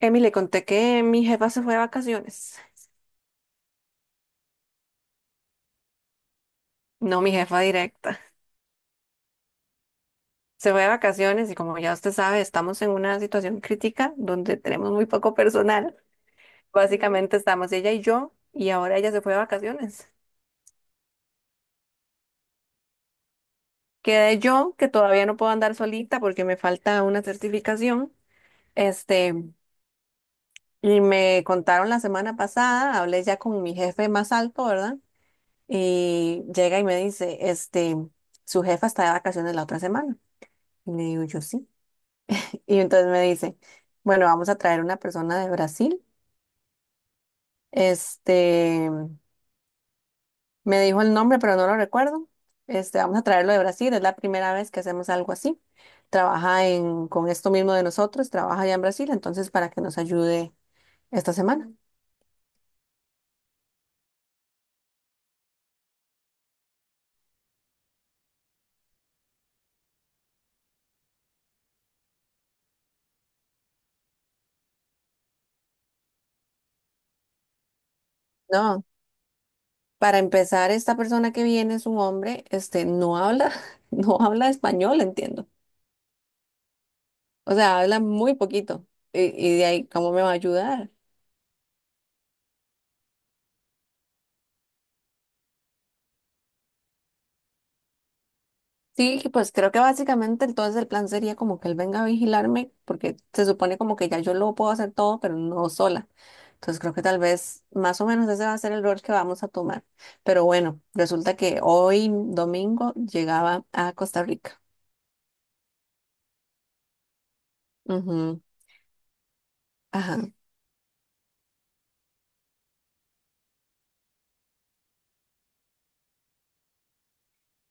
Emi, le conté que mi jefa se fue de vacaciones. No, mi jefa directa. Se fue de vacaciones y, como ya usted sabe, estamos en una situación crítica donde tenemos muy poco personal. Básicamente estamos ella y yo, y ahora ella se fue de vacaciones. Quedé yo, que todavía no puedo andar solita porque me falta una certificación. Este, y me contaron la semana pasada, hablé ya con mi jefe más alto, ¿verdad? Y llega y me dice, su jefa está de vacaciones la otra semana. Y le digo yo sí. Y entonces me dice, bueno, vamos a traer una persona de Brasil. Este, Me dijo el nombre, pero no lo recuerdo. Vamos a traerlo de Brasil. Es la primera vez que hacemos algo así. Trabaja en, con esto mismo de nosotros, trabaja allá en Brasil, entonces para que nos ayude esta semana. No, para empezar, esta persona que viene es un hombre, no habla, no habla español, entiendo. O sea, habla muy poquito. Y de ahí, ¿cómo me va a ayudar? Sí, pues creo que básicamente entonces el plan sería como que él venga a vigilarme, porque se supone como que ya yo lo puedo hacer todo, pero no sola. Entonces creo que tal vez más o menos ese va a ser el rol que vamos a tomar. Pero bueno, resulta que hoy domingo llegaba a Costa Rica. Ujú. Ajá.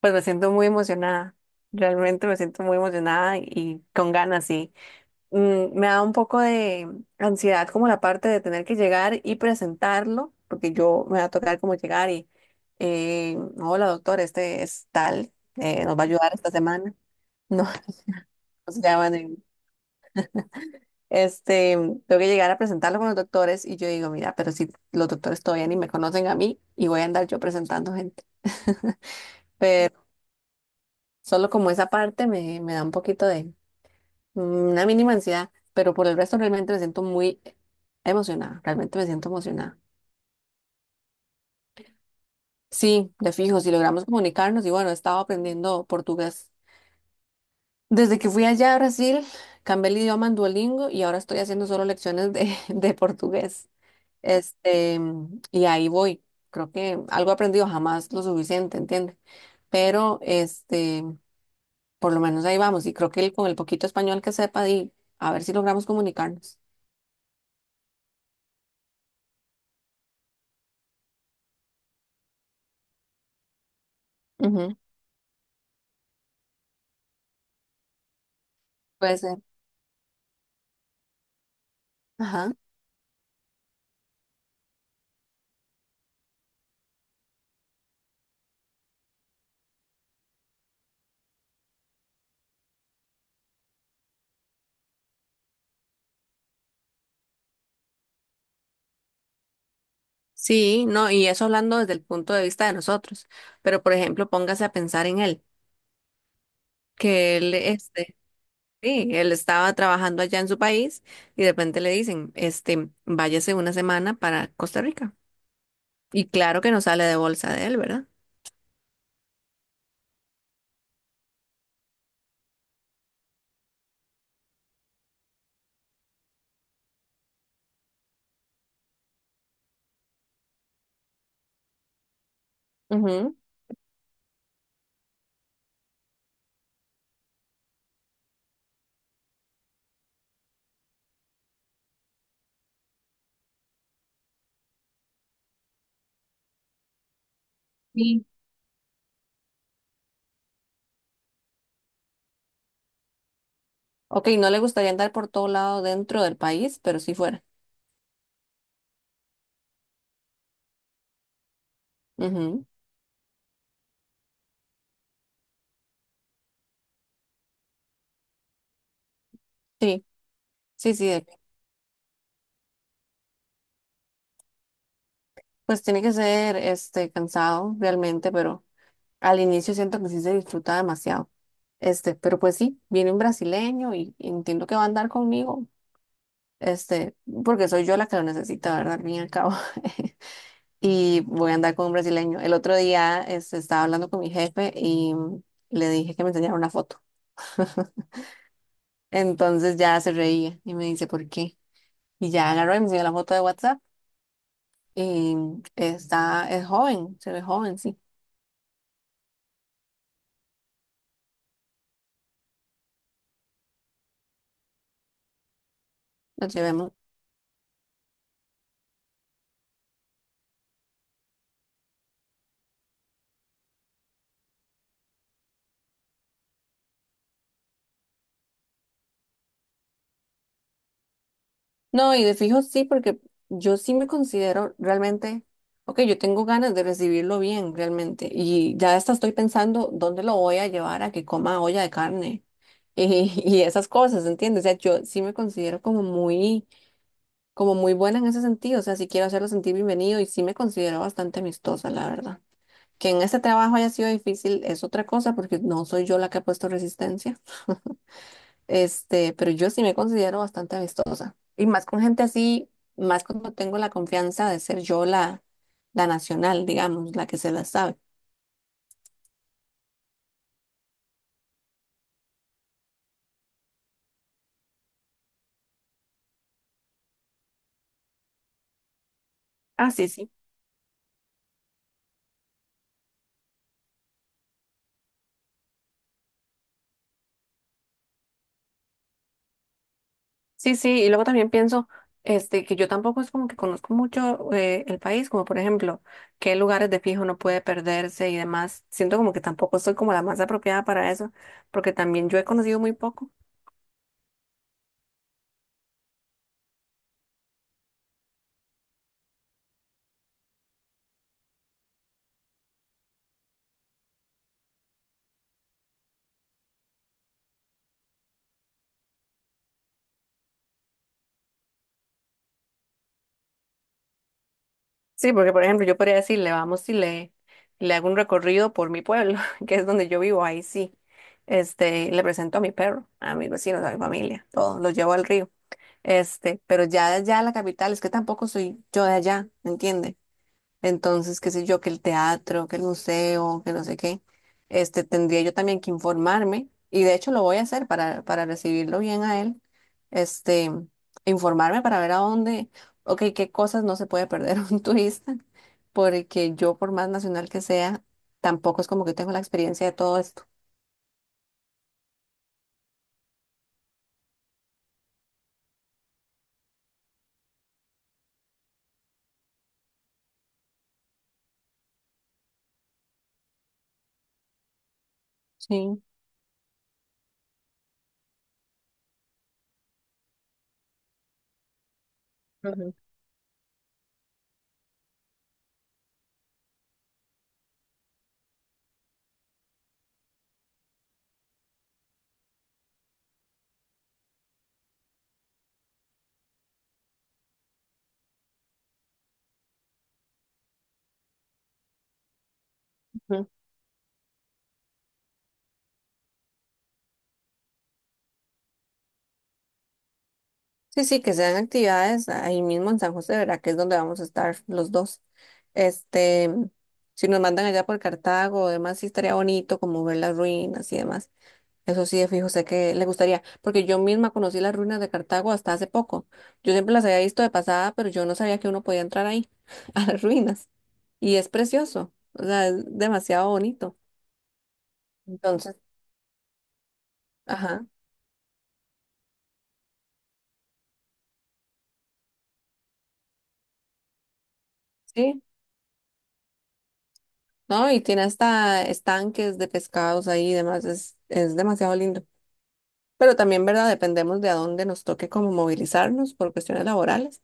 Pues me siento muy emocionada. Realmente me siento muy emocionada y con ganas, sí. Me da un poco de ansiedad, como la parte de tener que llegar y presentarlo, porque yo me va a tocar como llegar y, hola doctor, este es tal, nos va a ayudar esta semana. No, no se llaman. Este, Tengo que llegar a presentarlo con los doctores y yo digo, mira, pero si los doctores todavía ni me conocen a mí y voy a andar yo presentando gente. Solo como esa parte me da un poquito de mm, una mínima ansiedad, pero por el resto realmente me siento muy emocionada, realmente me siento emocionada. Sí, de fijo, si logramos comunicarnos y, bueno, he estado aprendiendo portugués. Desde que fui allá a Brasil, cambié el idioma en Duolingo y ahora estoy haciendo solo lecciones de, de portugués. Este, y ahí voy. Creo que algo he aprendido, jamás lo suficiente, ¿entiendes? Pero por lo menos ahí vamos, y creo que con el poquito español que sepa, y a ver si logramos comunicarnos. Ujú. Puede ser. Ajá. Sí, no, y eso hablando desde el punto de vista de nosotros. Pero por ejemplo, póngase a pensar en él. que él, este, sí, él estaba trabajando allá en su país y de repente le dicen, váyase una semana para Costa Rica. Y claro que no sale de bolsa de él, ¿verdad? Ujú. Sí. Ok, no le gustaría andar por todo lado dentro del país, pero sí fuera. Ujú. Sí, sí, sí, pues tiene que ser, cansado realmente, pero al inicio siento que sí se disfruta demasiado. Pero pues sí, viene un brasileño y entiendo que va a andar conmigo. Este, Porque soy yo la que lo necesita, ¿verdad? Al fin y al cabo. Y voy a andar con un brasileño. El otro día, estaba hablando con mi jefe y le dije que me enseñara una foto. Entonces ya se reía y me dice, ¿por qué? Y ya agarró y me enseñó la foto de WhatsApp y está, es joven, se ve joven, sí. Lo llevé. No, y de fijo sí, porque yo sí me considero realmente, ok, yo tengo ganas de recibirlo bien realmente, y ya hasta estoy pensando dónde lo voy a llevar a que coma olla de carne y esas cosas, ¿entiendes? O sea, yo sí me considero como muy buena en ese sentido. O sea, sí quiero hacerlo sentir bienvenido y sí me considero bastante amistosa, la verdad. Que en este trabajo haya sido difícil es otra cosa, porque no soy yo la que ha puesto resistencia. Pero yo sí me considero bastante amistosa. Y más con gente así, más cuando tengo la confianza de ser yo la, la nacional, digamos, la que se la sabe. Ah, sí, sí. Sí, sí. Y luego también pienso, que yo tampoco es como que conozco mucho, el país, como por ejemplo, qué lugares de fijo no puede perderse y demás. Siento como que tampoco soy como la más apropiada para eso, porque también yo he conocido muy poco. Sí, porque por ejemplo yo podría decirle, vamos y le hago un recorrido por mi pueblo, que es donde yo vivo, ahí sí. Le presento a mi perro, a mis vecinos, a mi familia, todo, los llevo al río. Pero ya de allá a la capital, es que tampoco soy yo de allá, ¿me entiende? Entonces, qué sé yo, que el teatro, que el museo, que no sé qué, tendría yo también que informarme, y de hecho lo voy a hacer para recibirlo bien a él, este, informarme para ver a dónde, ok, qué cosas no se puede perder un turista, porque yo, por más nacional que sea, tampoco es como que tengo la experiencia de todo esto. Sí. Ujú. Sí, sí, que sean actividades ahí mismo en San José, ¿verdad? Que es donde vamos a estar los dos. Este, si nos mandan allá por Cartago, además sí estaría bonito como ver las ruinas y demás. Eso sí, de fijo, sé que le gustaría, porque yo misma conocí las ruinas de Cartago hasta hace poco. Yo siempre las había visto de pasada, pero yo no sabía que uno podía entrar ahí, a las ruinas. Y es precioso, o sea, es demasiado bonito. Entonces, ajá, sí, ¿no? Y tiene hasta estanques de pescados ahí y demás, es demasiado lindo. Pero también, ¿verdad? Dependemos de a dónde nos toque como movilizarnos por cuestiones laborales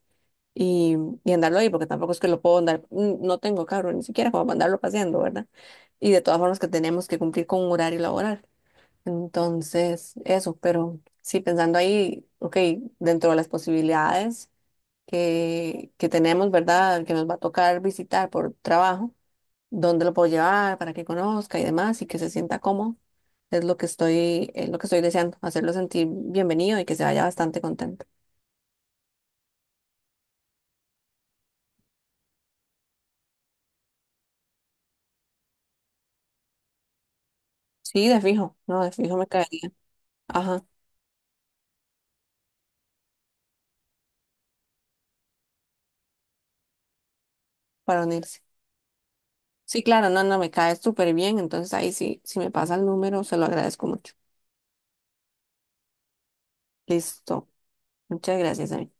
y, y andarlo ahí, porque tampoco es que lo puedo andar, no tengo carro ni siquiera como para andarlo paseando, ¿verdad? Y de todas formas que tenemos que cumplir con un horario laboral. Entonces, eso, pero sí, pensando ahí, ok, dentro de las posibilidades que tenemos, ¿verdad? Que nos va a tocar visitar por trabajo dónde lo puedo llevar para que conozca y demás y que se sienta cómodo. Es lo que estoy deseando, hacerlo sentir bienvenido y que se vaya bastante contento. Sí, de fijo, no, de fijo me caería. Ajá, para unirse. Sí, claro, no, no, me cae súper bien. Entonces ahí sí, si me pasa el número, se lo agradezco mucho. Listo. Muchas gracias, amiga.